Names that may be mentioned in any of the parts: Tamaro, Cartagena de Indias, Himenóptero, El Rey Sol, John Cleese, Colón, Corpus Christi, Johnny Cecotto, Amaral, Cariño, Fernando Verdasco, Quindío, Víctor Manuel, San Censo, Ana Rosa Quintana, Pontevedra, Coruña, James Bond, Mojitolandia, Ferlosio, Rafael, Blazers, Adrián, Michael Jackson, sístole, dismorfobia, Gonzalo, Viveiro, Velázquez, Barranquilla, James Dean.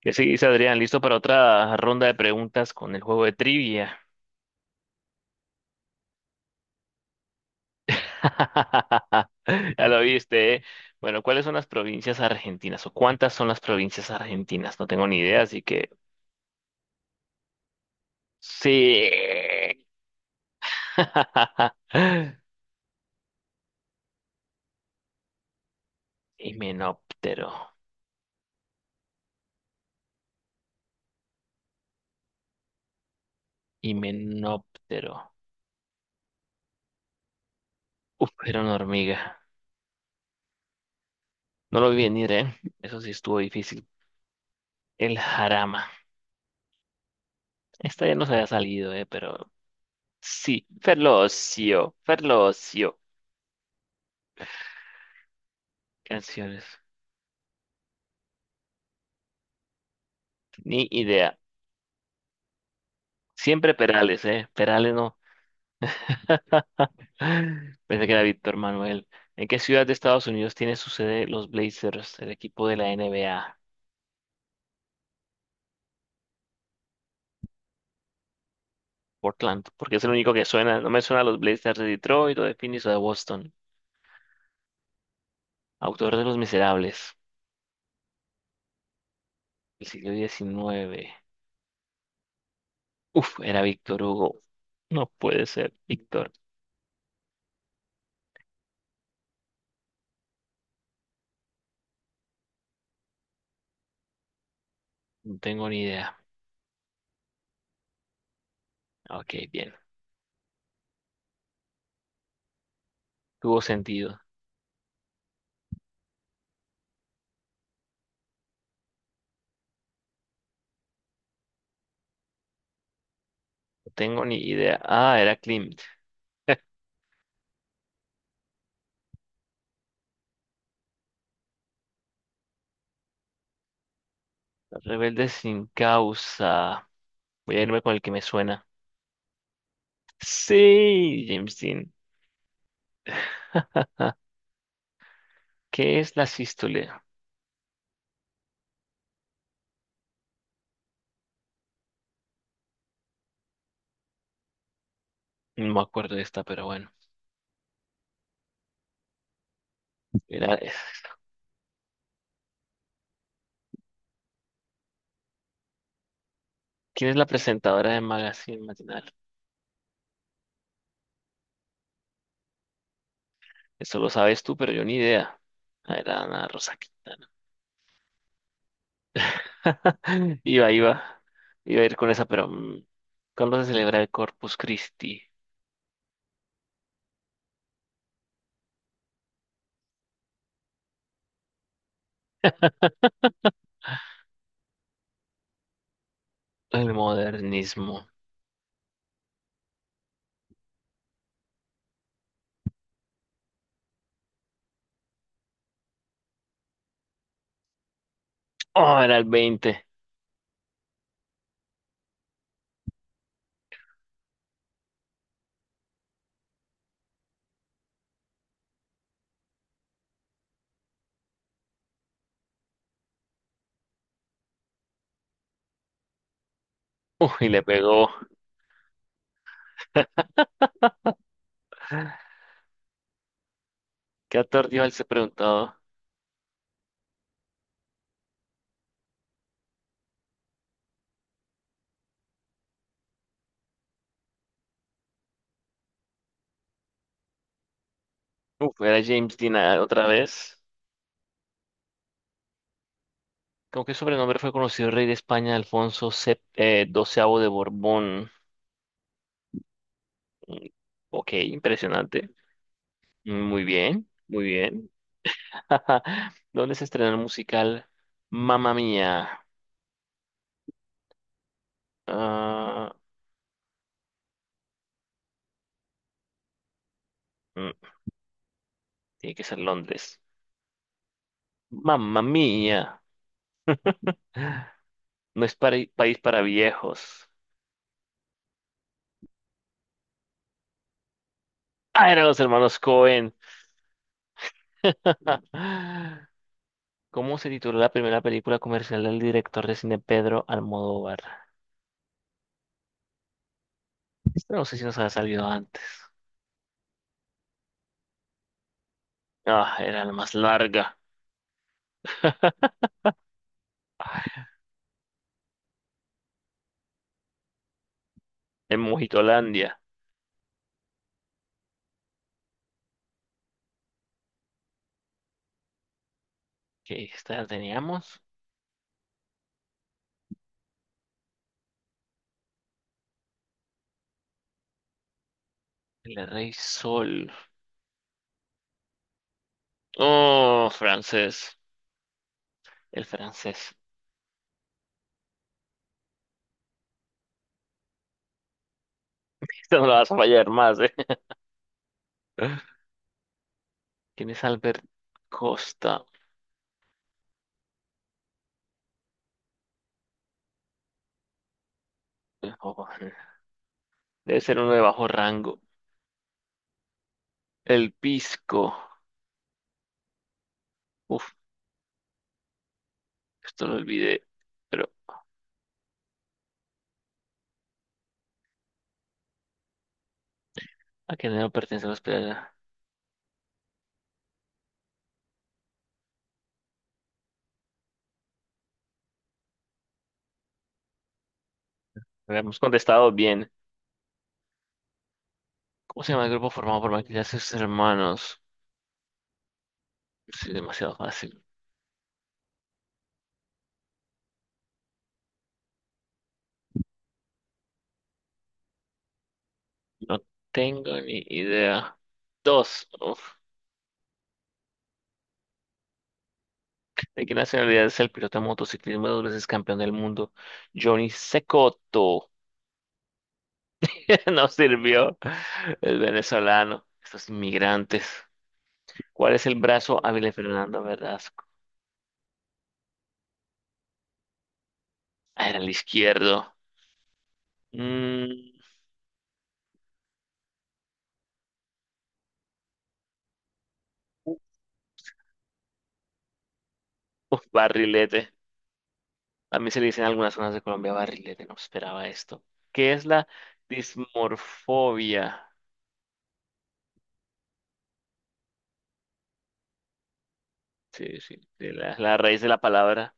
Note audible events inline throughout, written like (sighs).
Que sí, dice Adrián, listo para otra ronda de preguntas con el juego de trivia. (laughs) Ya lo viste, ¿eh? Bueno, ¿cuáles son las provincias argentinas o cuántas son las provincias argentinas? No tengo ni idea, así que sí. (laughs) Himenóptero, himenóptero. Uf, era una hormiga. No lo vi venir, ¿eh? Eso sí estuvo difícil. El Jarama. Esta ya nos había salido, ¿eh? Pero sí. Ferlosio, Ferlosio. Canciones. Ni idea. Siempre Perales, ¿eh? Perales no. (gasps) (sighs) Pensé que era Víctor Manuel. ¿En qué ciudad de Estados Unidos tiene su sede los Blazers, el equipo de la NBA? Portland, porque es el único que suena. No me suena a los Blazers de Detroit o de Phoenix o de Boston. Autor de Los Miserables, del siglo 19. Uf, era Víctor Hugo. No puede ser, Víctor. No tengo ni idea. Ok, bien. Tuvo sentido. No tengo ni idea. Ah, era Klimt. Rebelde sin causa. Voy a irme con el que me suena. Sí, James Dean. (laughs) ¿Qué es la sístole? No me acuerdo de esta, pero bueno. Era, es- ¿Quién es la presentadora de Magazine Matinal? Eso lo sabes tú, pero yo ni idea. Ah, era Ana Rosa Quintana. (laughs) Iba. Iba a ir con esa, pero ¿cuándo se celebra el Corpus Christi? (laughs) El modernismo. Oh, era el 20. Uy, le pegó. ¿Qué actor dio al ser preguntado? Uf, era James Dean, ah, otra vez. ¿Con qué sobrenombre fue conocido el rey de España, Alfonso X, XII de Borbón? Mm, Ok, impresionante. Muy bien, muy bien. (laughs) ¿Dónde se estrenó el musical Mamma Mía? Ah, mm, Tiene que ser Londres. Mamma Mía. No es país para viejos. Ah, eran los hermanos Cohen. (laughs) ¿Cómo se tituló la primera película comercial del director de cine Pedro Almodóvar? Esta no sé si nos ha salido antes. Ah, era la más larga. Ah, en Mojitolandia. ¿Qué esta la teníamos? El Rey Sol. Oh, francés. El francés. (laughs) Esta no la vas a fallar más, ¿eh? (laughs) ¿Quién es Albert Costa? Oh, debe ser uno de bajo rango. El Pisco. Uf, esto lo olvidé. Pero a quién no pertenece la hospedada. Habíamos contestado bien. ¿Cómo se llama el grupo formado por Michael Jackson y sus hermanos? Sí, demasiado fácil. No tengo ni idea. Dos. Uf. ¿De qué nacionalidad es el piloto de motociclismo dos veces campeón del mundo? Johnny Cecotto. (laughs) No sirvió. El venezolano. Estos inmigrantes. ¿Cuál es el brazo hábil de Fernando Verdasco? Ah, era el izquierdo. Mm, Barrilete. A mí se le dice en algunas zonas de Colombia barrilete. No esperaba esto. ¿Qué es la dismorfobia? Sí, sí, de la raíz de la palabra.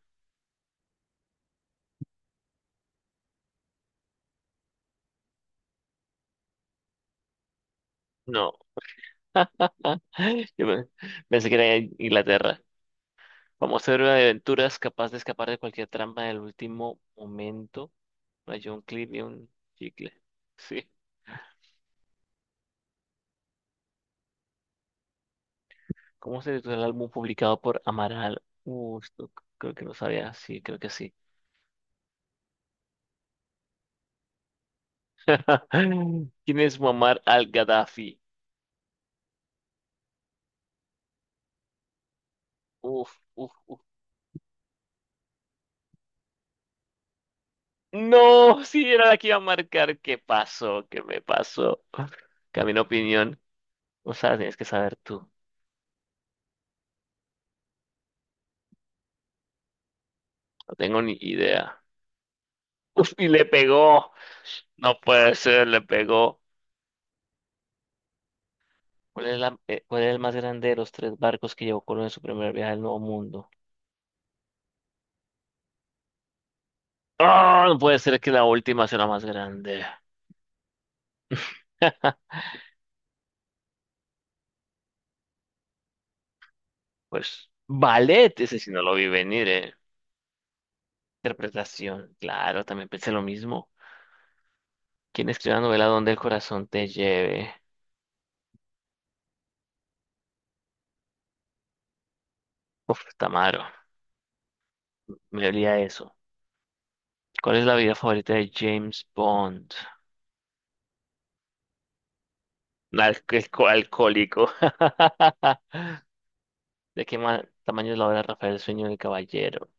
No. (laughs) Yo pe- Pensé que era en Inglaterra. Vamos a ver una de aventuras capaz de escapar de cualquier trampa en el último momento. Para John Cleese y un chicle. Sí. ¿Cómo se titula el álbum publicado por Amaral? Esto creo que no sabía. Sí, creo que sí. (laughs) ¿Quién es Muammar al-Gaddafi? Uf, uf. No, sí, era la que iba a marcar. ¿Qué pasó? ¿Qué me pasó? Camino opinión. O sea, tienes que saber tú. No tengo ni idea. Uf, y le pegó. No puede ser, le pegó. ¿Cuál es cuál es el más grande de los tres barcos que llevó Colón en su primer viaje al Nuevo Mundo? Ah, no puede ser que la última sea la más grande. (laughs) Pues, ballet, ese sí no lo vi venir, ¿eh? Interpretación, claro, también pensé lo mismo. ¿Quién escribió la novela Donde el corazón te lleve? Uf, Tamaro, me olía eso. ¿Cuál es la vida favorita de James Bond? Alcohólico. (laughs) ¿De qué tamaño es la obra Rafael, el sueño del caballero?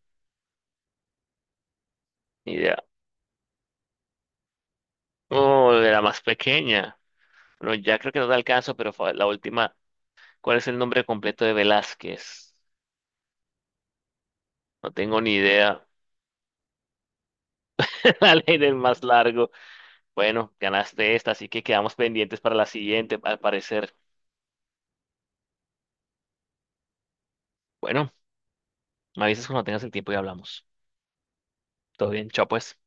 Oh, de la más pequeña. Bueno, ya creo que no da el caso, pero fue la última. ¿Cuál es el nombre completo de Velázquez? No tengo ni idea. (laughs) La ley del más largo. Bueno, ganaste esta, así que quedamos pendientes para la siguiente, al parecer. Bueno, me avisas cuando tengas el tiempo y hablamos. Todo bien, chao pues.